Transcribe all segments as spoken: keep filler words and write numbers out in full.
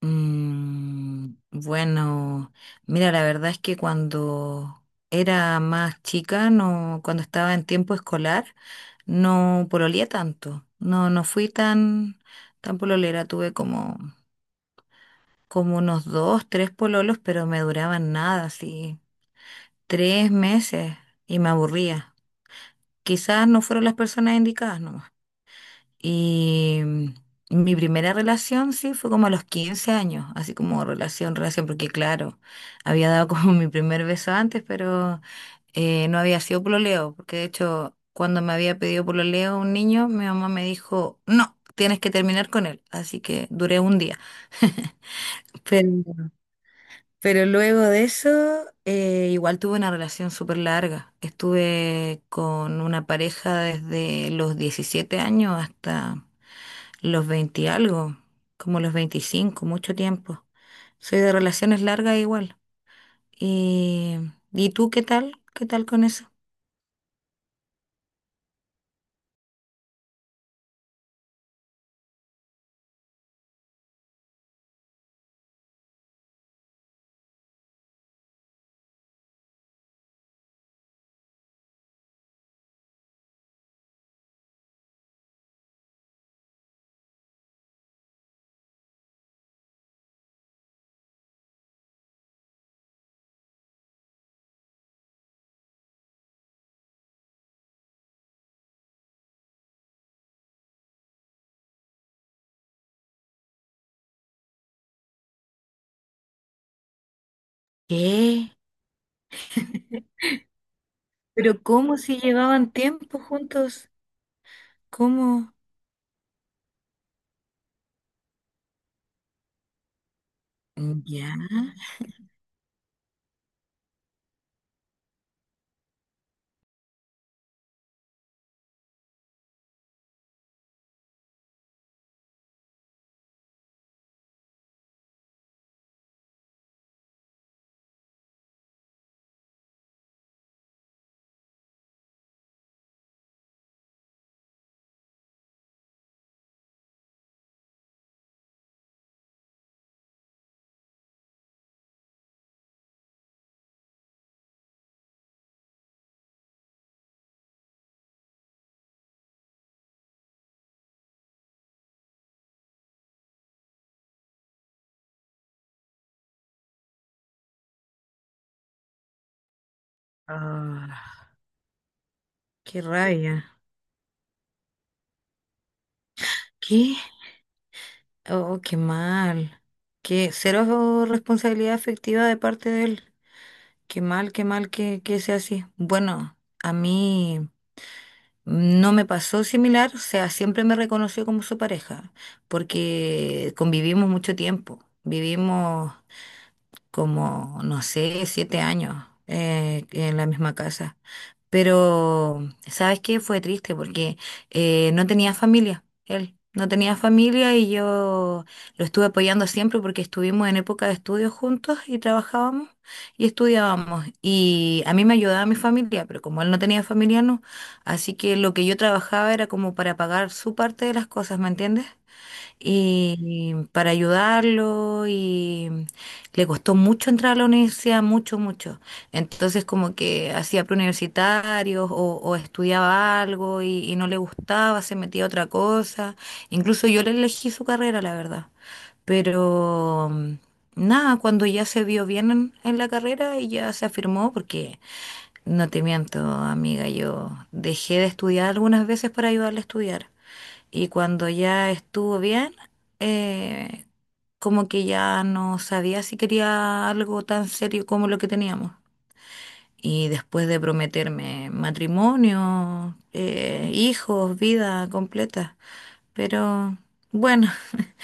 Mm, bueno, mira, la verdad es que cuando era más chica, no, cuando estaba en tiempo escolar, no pololeé tanto. No, no fui tan, tan pololera. Tuve como, como unos dos, tres pololos, pero me duraban nada, así, tres meses y me aburría. Quizás no fueron las personas indicadas, no. Y mi primera relación, sí, fue como a los quince años, así como relación, relación, porque claro, había dado como mi primer beso antes, pero eh, no había sido pololeo, porque de hecho, cuando me había pedido pololeo un niño, mi mamá me dijo, no, tienes que terminar con él, así que duré un día. Pero, pero luego de eso, eh, igual tuve una relación súper larga. Estuve con una pareja desde los diecisiete años hasta... Los veinte y algo, como los veinticinco, mucho tiempo. Soy de relaciones largas igual. ¿Y, ¿y tú qué tal? ¿Qué tal con eso? ¿Qué? ¿Pero cómo si llevaban tiempo juntos? ¿Cómo? ¿Ya? Ah, qué rabia. ¿Qué? Oh, qué mal. Qué cero responsabilidad afectiva de parte de él. Qué mal, qué mal que, que sea así. Bueno, a mí. No me pasó similar, o sea, siempre me reconoció como su pareja, porque convivimos mucho tiempo, vivimos como, no sé, siete años eh, en la misma casa. Pero, ¿sabes qué? Fue triste porque eh, no tenía familia, él no tenía familia y yo lo estuve apoyando siempre porque estuvimos en época de estudios juntos y trabajábamos y estudiábamos. Y a mí me ayudaba mi familia, pero como él no tenía familia, no. Así que lo que yo trabajaba era como para pagar su parte de las cosas, ¿me entiendes? Y para ayudarlo, y le costó mucho entrar a la universidad, mucho, mucho. Entonces como que hacía preuniversitarios o, o estudiaba algo y, y no le gustaba, se metía a otra cosa. Incluso yo le elegí su carrera, la verdad. Pero mm, nada, cuando ya se vio bien en, en la carrera y ya se afirmó, porque no te miento, amiga, yo dejé de estudiar algunas veces para ayudarle a estudiar. Y cuando ya estuvo bien, eh, como que ya no sabía si quería algo tan serio como lo que teníamos. Y después de prometerme matrimonio, eh, hijos, vida completa. Pero bueno,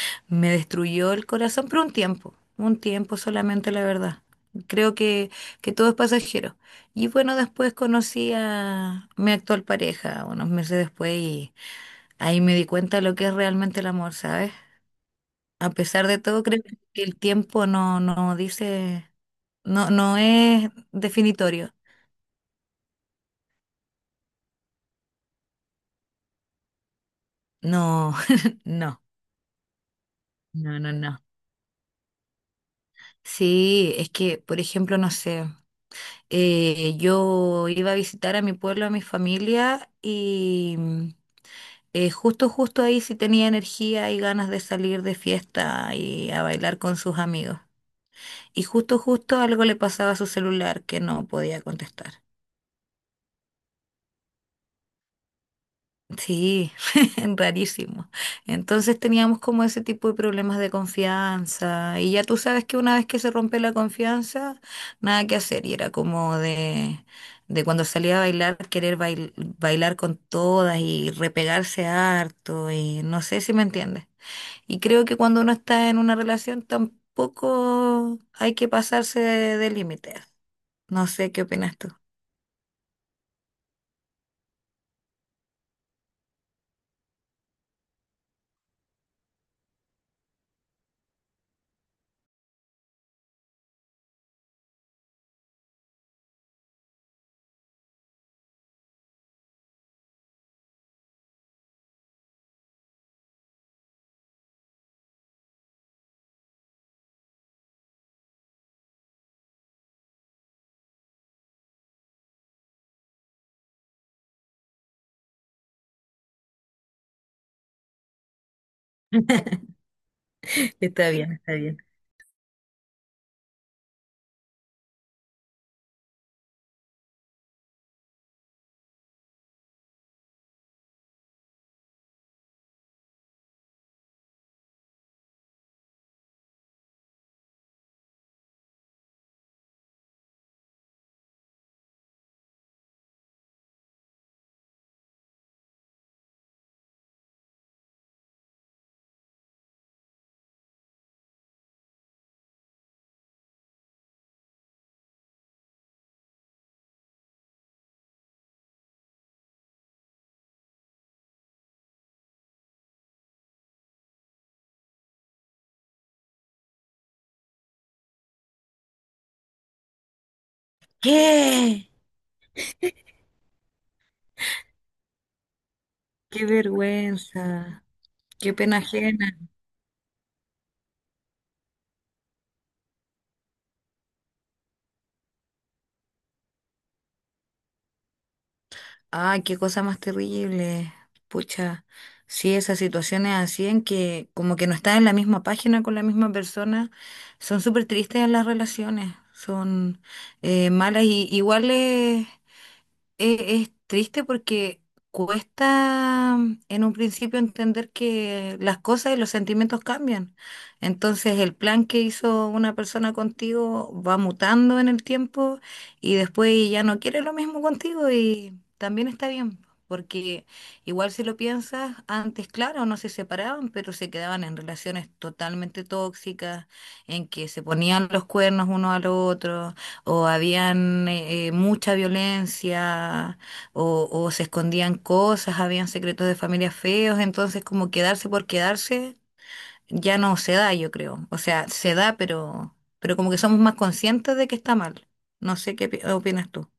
me destruyó el corazón por un tiempo, un tiempo solamente, la verdad. Creo que, que todo es pasajero. Y bueno, después conocí a mi actual pareja unos meses después, y ahí me di cuenta de lo que es realmente el amor, ¿sabes? A pesar de todo, creo que el tiempo no, no dice, no, no es definitorio. No, no, no, no, no. Sí, es que, por ejemplo, no sé, eh, yo iba a visitar a mi pueblo, a mi familia, y mm, eh, justo, justo ahí sí tenía energía y ganas de salir de fiesta y a bailar con sus amigos. Y justo, justo algo le pasaba a su celular que no podía contestar. Sí, rarísimo. Entonces teníamos como ese tipo de problemas de confianza, y ya tú sabes que una vez que se rompe la confianza, nada que hacer, y era como de, de, cuando salía a bailar, querer bail- bailar con todas y repegarse harto, y no sé si me entiendes. Y creo que cuando uno está en una relación tampoco hay que pasarse de, de límites. No sé qué opinas tú. Está bien, está bien. ¿Qué? ¡Qué vergüenza! Qué pena ajena. Ah, qué cosa más terrible. Pucha, sí, esas situaciones así en que como que no estás en la misma página con la misma persona, son súper tristes. En las relaciones son eh, malas y iguales. E- Es, triste porque cuesta mm, en un principio entender que las cosas y los sentimientos cambian. Entonces el plan que hizo una persona contigo va mutando en el tiempo, y después ya no quiere lo mismo contigo, y también está bien. Porque igual si lo piensas, antes, claro, no se separaban, pero se quedaban en relaciones totalmente tóxicas, en que se ponían los cuernos uno al otro, o habían eh, eh, mucha violencia, o, o se escondían cosas, habían secretos de familia feos. Entonces como quedarse por quedarse ya no se da, yo creo. O sea, se da, pero, pero como que somos más conscientes de que está mal. No sé qué pi- opinas tú.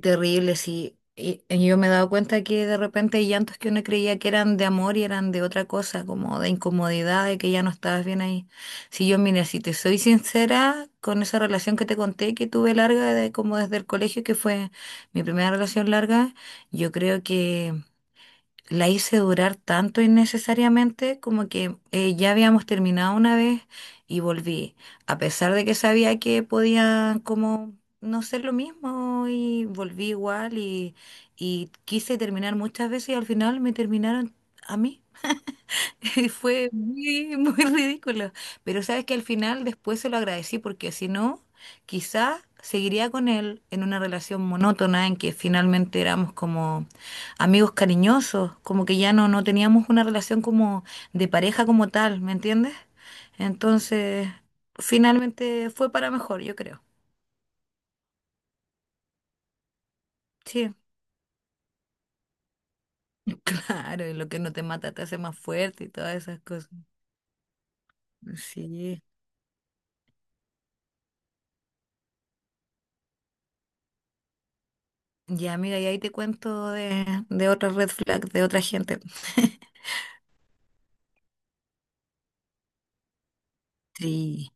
Terrible, sí. Y, y yo me he dado cuenta que de repente hay llantos que uno creía que eran de amor y eran de otra cosa, como de incomodidad, de que ya no estabas bien ahí. Si yo, mira, si te soy sincera con esa relación que te conté, que tuve larga, de, como desde el colegio, que fue mi primera relación larga, yo creo que la hice durar tanto innecesariamente, como que eh, ya habíamos terminado una vez y volví, a pesar de que sabía que podía como no ser lo mismo, y volví igual, y, y quise terminar muchas veces y al final me terminaron a mí. Fue muy, muy ridículo. Pero sabes que al final después se lo agradecí, porque si no, quizá seguiría con él en una relación monótona en que finalmente éramos como amigos cariñosos, como que ya no, no teníamos una relación como de pareja como tal, ¿me entiendes? Entonces, finalmente fue para mejor, yo creo. Sí, claro, y lo que no te mata te hace más fuerte y todas esas cosas. Sí. Ya, amiga, y ahí te cuento de, de, otra red flag de otra gente. Sí.